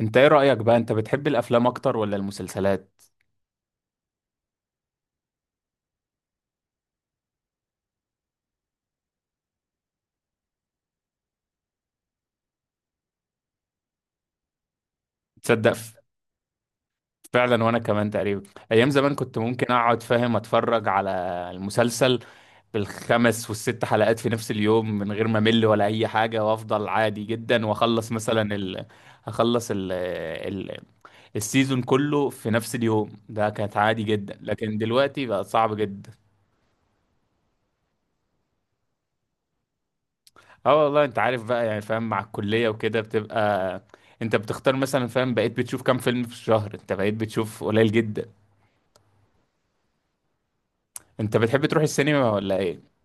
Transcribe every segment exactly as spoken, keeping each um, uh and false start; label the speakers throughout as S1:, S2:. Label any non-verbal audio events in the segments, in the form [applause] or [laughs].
S1: انت ايه رأيك بقى؟ انت بتحب الافلام اكتر ولا المسلسلات؟ تصدق ف- فعلا وانا كمان تقريبا. ايام زمان كنت ممكن اقعد فاهم اتفرج على المسلسل بالخمس والست حلقات في نفس اليوم من غير ما امل ولا اي حاجة، وافضل عادي جدا، واخلص مثلا ال... اخلص ال... ال... السيزون كله في نفس اليوم. ده كانت عادي جدا، لكن دلوقتي بقى صعب جدا. اه، والله انت عارف بقى، يعني فاهم، مع الكلية وكده بتبقى انت بتختار مثلا، فاهم، بقيت بتشوف كام فيلم في الشهر؟ انت بقيت بتشوف قليل جدا. انت بتحب تروح السينما ولا ايه؟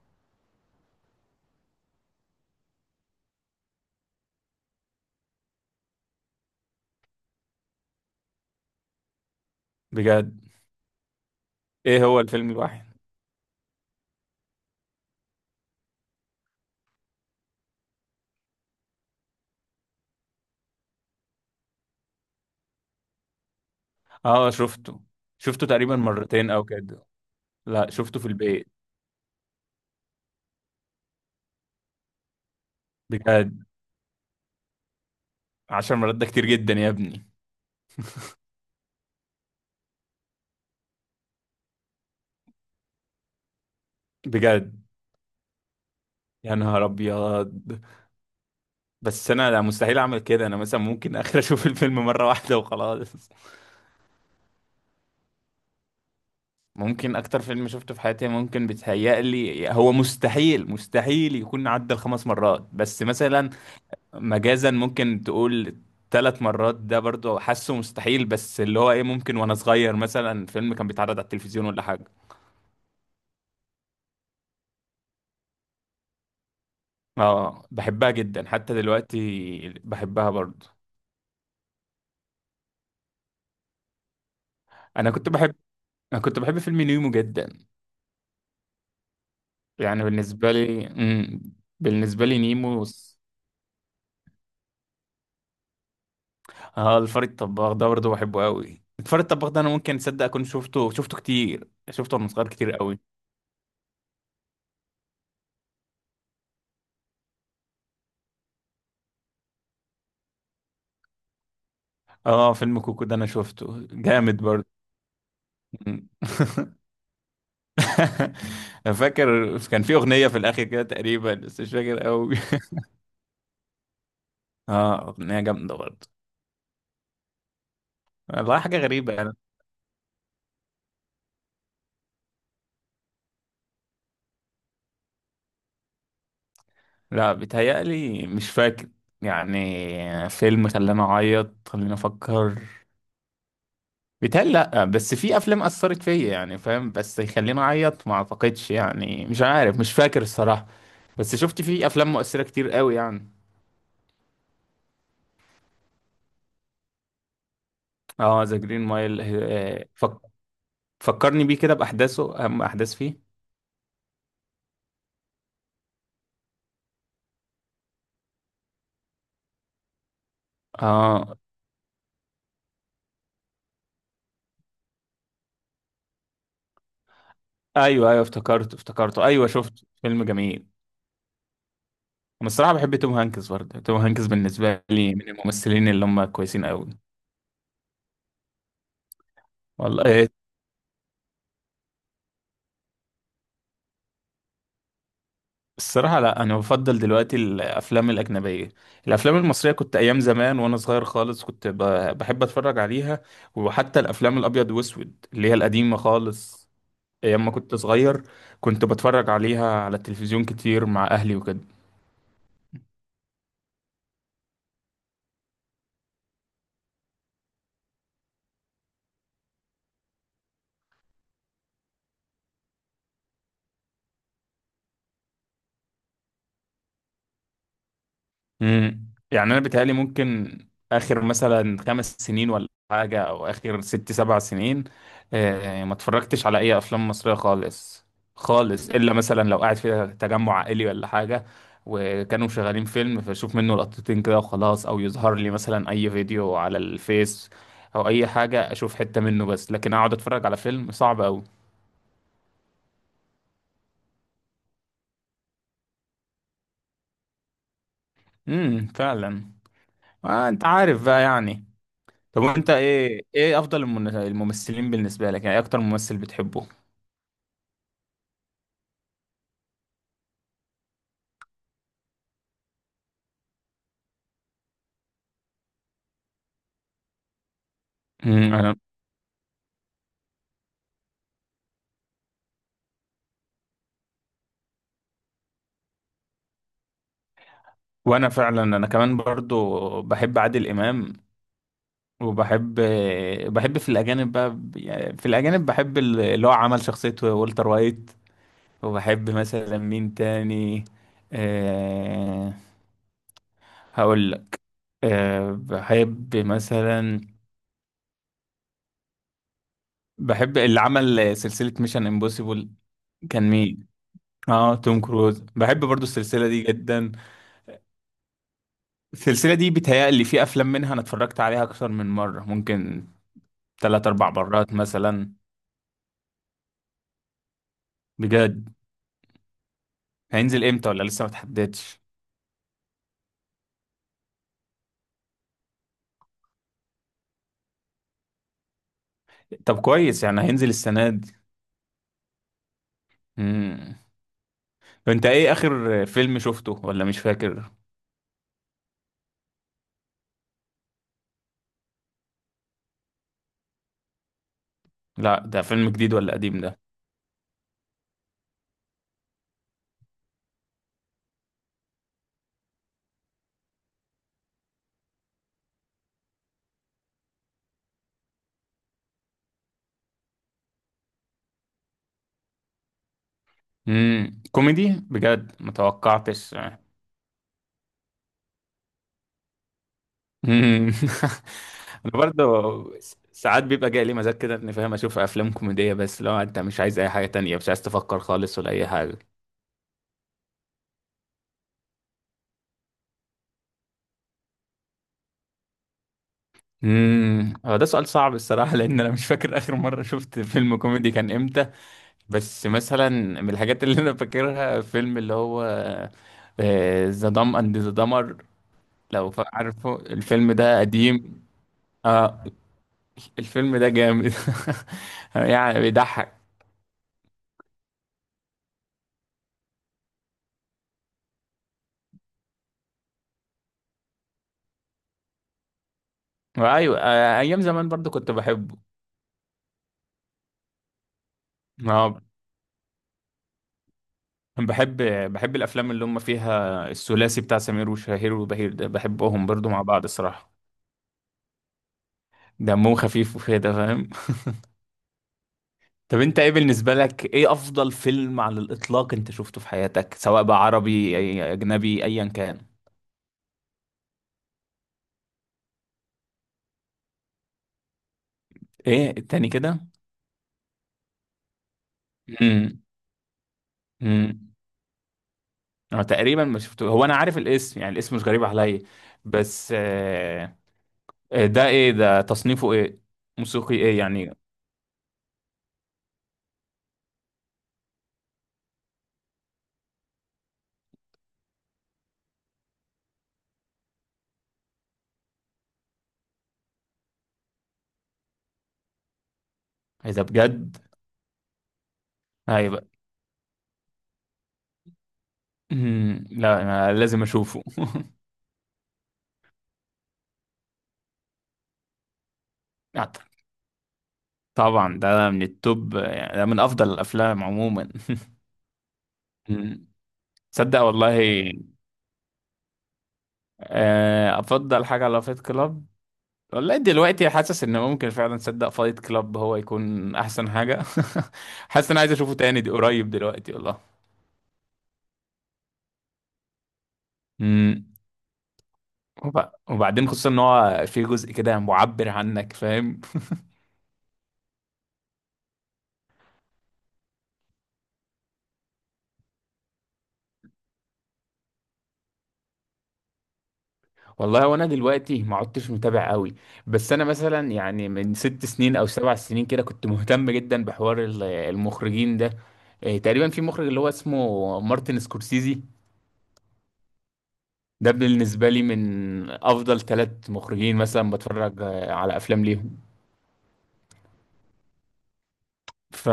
S1: بجد؟ ايه هو الفيلم الواحد؟ اه شفته، شفته تقريبا مرتين او كده. لا شفته في البيت. بجد؟ عشر مرات ده كتير جدا يا ابني. بجد؟ يا نهار ابيض. بس انا لا، مستحيل اعمل كده. انا مثلا ممكن اخر اشوف الفيلم مرة واحدة وخلاص. ممكن اكتر فيلم شفته في حياتي، ممكن بيتهيألي هو مستحيل مستحيل يكون عدى الخمس مرات، بس مثلا مجازا ممكن تقول ثلاث مرات. ده برضو حاسه مستحيل، بس اللي هو ايه، ممكن وانا صغير مثلا فيلم كان بيتعرض على التلفزيون ولا حاجة. اه بحبها جدا، حتى دلوقتي بحبها برضو. انا كنت بحب انا كنت بحب فيلم نيمو جدا. يعني بالنسبة لي مم. بالنسبة لي نيمو. اه الفار الطباخ ده برضه بحبه قوي. الفار الطباخ ده انا ممكن تصدق اكون شفته شفته كتير، شفته وانا صغير كتير قوي. اه فيلم كوكو ده انا شفته جامد برضه. [laughs] فاكر كان في اغنيه في الاخر كده تقريبا، بس مش فاكر قوي. اه، اغنيه جامده برضه. والله حاجه غريبه يعني. لا، بيتهيألي مش فاكر. يعني فيلم خلاني اعيط، خليني افكر. بيتهيألي لأ، بس في أفلام أثرت فيا يعني، فاهم، بس يخليني أعيط ما أعتقدش، يعني مش عارف، مش فاكر الصراحة. بس شفت في أفلام مؤثرة كتير قوي يعني. اه ذا جرين مايل، فكرني بيه كده بأحداثه، أهم أحداث فيه. اه أيوه أيوه، افتكرته افتكرته أيوه، شفت فيلم جميل. أنا الصراحة بحب توم هانكس برضه. توم هانكس بالنسبة لي من الممثلين اللي هم كويسين قوي. والله الصراحة لا، أنا بفضل دلوقتي الأفلام الأجنبية. الأفلام المصرية كنت أيام زمان وأنا صغير خالص كنت ب- بحب أتفرج عليها، وحتى الأفلام الأبيض وأسود اللي هي القديمة خالص، أيام ما كنت صغير كنت بتفرج عليها على التلفزيون كتير مع أهلي وكده. امم يعني انا بيتهيألي ممكن اخر مثلا خمس سنين ولا حاجه، او اخر ست سبع سنين، آه ما اتفرجتش على اي افلام مصريه خالص خالص، الا مثلا لو قاعد في تجمع عائلي ولا حاجه وكانوا شغالين فيلم فاشوف منه لقطتين كده وخلاص، او يظهر لي مثلا اي فيديو على الفيس او اي حاجه اشوف حته منه بس، لكن اقعد اتفرج على فيلم صعب قوي. امم فعلا. آه انت عارف بقى يعني. طب وانت ايه، ايه افضل المن- الممثلين بالنسبه لك؟ يعني ايه اكتر ممثل بتحبه؟ امم انا وانا فعلا انا كمان برضو بحب عادل امام، وبحب بحب في الاجانب بقى، يعني في الاجانب بحب ال- اللي هو عمل شخصيه والتر وايت. وبحب مثلا مين تاني؟ أه هقول لك. أه بحب مثلا، بحب اللي عمل سلسله ميشن امبوسيبل. كان مين؟ اه توم كروز. بحب برضو السلسله دي جدا. السلسلة دي بيتهيألي في أفلام منها أنا اتفرجت عليها أكتر من مرة، ممكن تلات أربع مرات مثلا. بجد؟ هينزل إمتى ولا لسه ما تحددش؟ طب كويس، يعني هينزل السنة دي. مم. أنت إيه آخر فيلم شفته ولا مش فاكر؟ لا ده فيلم جديد ولا قديم ده؟ مم. كوميدي؟ بجد متوقعتش. مم. [laughs] أنا برضه ساعات بيبقى جاي لي مزاج كده إني فاهم أشوف أفلام كوميدية، بس لو أنت مش عايز أي حاجة تانية، مش عايز تفكر خالص ولا أي حاجة. امم هو ده سؤال صعب الصراحه، لان انا مش فاكر اخر مره شفت فيلم كوميدي كان امتى. بس مثلا من الحاجات اللي انا فاكرها فيلم اللي هو آه، ذا دام اند ذا دمر. لو فا- عارفه الفيلم ده قديم. اه الفيلم ده جامد. [laughs] يعني بيضحك. ايوه، آه، ايام زمان برضو كنت بحبه. اه، بحب بحب الافلام اللي هم فيها الثلاثي بتاع سمير وشهير وبهير ده، بحبهم برضو مع بعض الصراحه، دمهم خفيف وكده، فاهم. طب انت ايه بالنسبة لك، ايه افضل فيلم على الاطلاق انت شفته في حياتك، سواء بقى عربي أي- اجنبي ايا كان؟ ايه التاني كده؟ امم امم انا تقريبا ما شفته. هو انا عارف الاسم يعني، الاسم مش غريب عليا، بس آه. آه، ده ايه ده؟ تصنيفه ايه؟ موسيقي ايه يعني؟ اذا بجد هيبقى. امم لا انا لازم اشوفه. [laughs] أعتقد. طبعا ده من التوب يعني، ده من افضل الافلام عموما. [laughs] مم. تصدق والله، آه، افضل حاجه على فايت كلاب؟ والله دلوقتي حاسس ان ممكن فعلا صدق فايت كلاب هو يكون احسن حاجه. [laughs] حاسس ان عايز اشوفه تاني دي قريب دلوقتي والله. امم وب- وبعدين خصوصا ان هو في جزء كده معبر عنك، فاهم. والله وانا دلوقتي ما عدتش متابع قوي، بس انا مثلا يعني من ست سنين او سبع سنين كده كنت مهتم جدا بحوار ال- المخرجين ده. آه، تقريبا في مخرج اللي هو اسمه مارتن سكورسيزي. ده بالنسبة لي من أفضل ثلاث مخرجين مثلا بتفرج آه، على أفلام ليهم. ف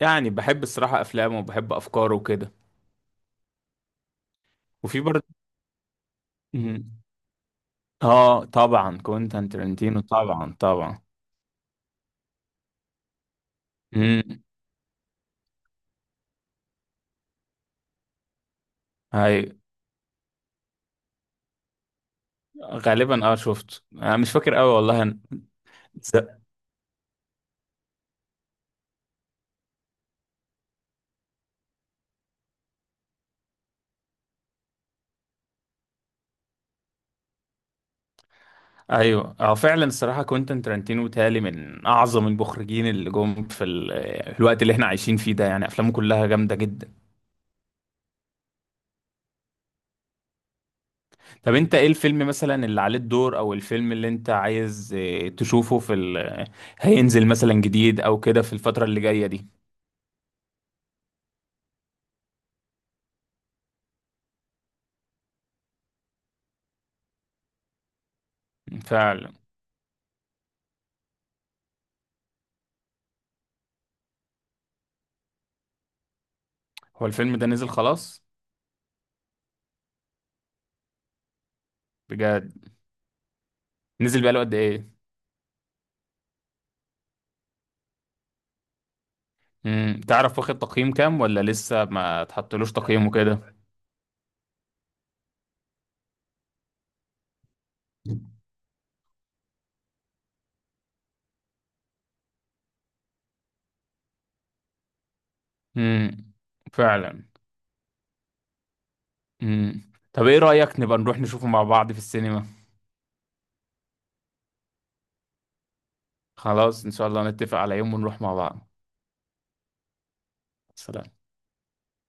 S1: يعني بحب الصراحة أفلامه وبحب أفكاره وكده. وفي برضه. مم. آه طبعا كوينتان ترنتينو، طبعا طبعا. امم هاي. غالبا اه شفت، انا مش فاكر قوي والله أنا. ز- ايوه، اه فعلا الصراحه كوينتان ترنتينو تالي من اعظم المخرجين اللي جم في ال- الوقت اللي احنا عايشين فيه ده، يعني افلامه كلها جامده جدا. طب انت ايه الفيلم مثلا اللي عليه الدور، او الفيلم اللي انت عايز اه، تشوفه في ال... هينزل مثلا جديد او كده في الفترة اللي جاية دي؟ فعلا. هو الفيلم ده نزل خلاص؟ بجد؟ نزل بقاله قد ايه؟ امم تعرف واخد تقييم كام ولا لسه ما اتحطلوش تقييم وكده؟ امم فعلا. امم. طب ايه رأيك نبقى نروح نشوفه مع بعض في السينما؟ خلاص ان شاء الله نتفق على يوم ونروح مع بعض. سلام.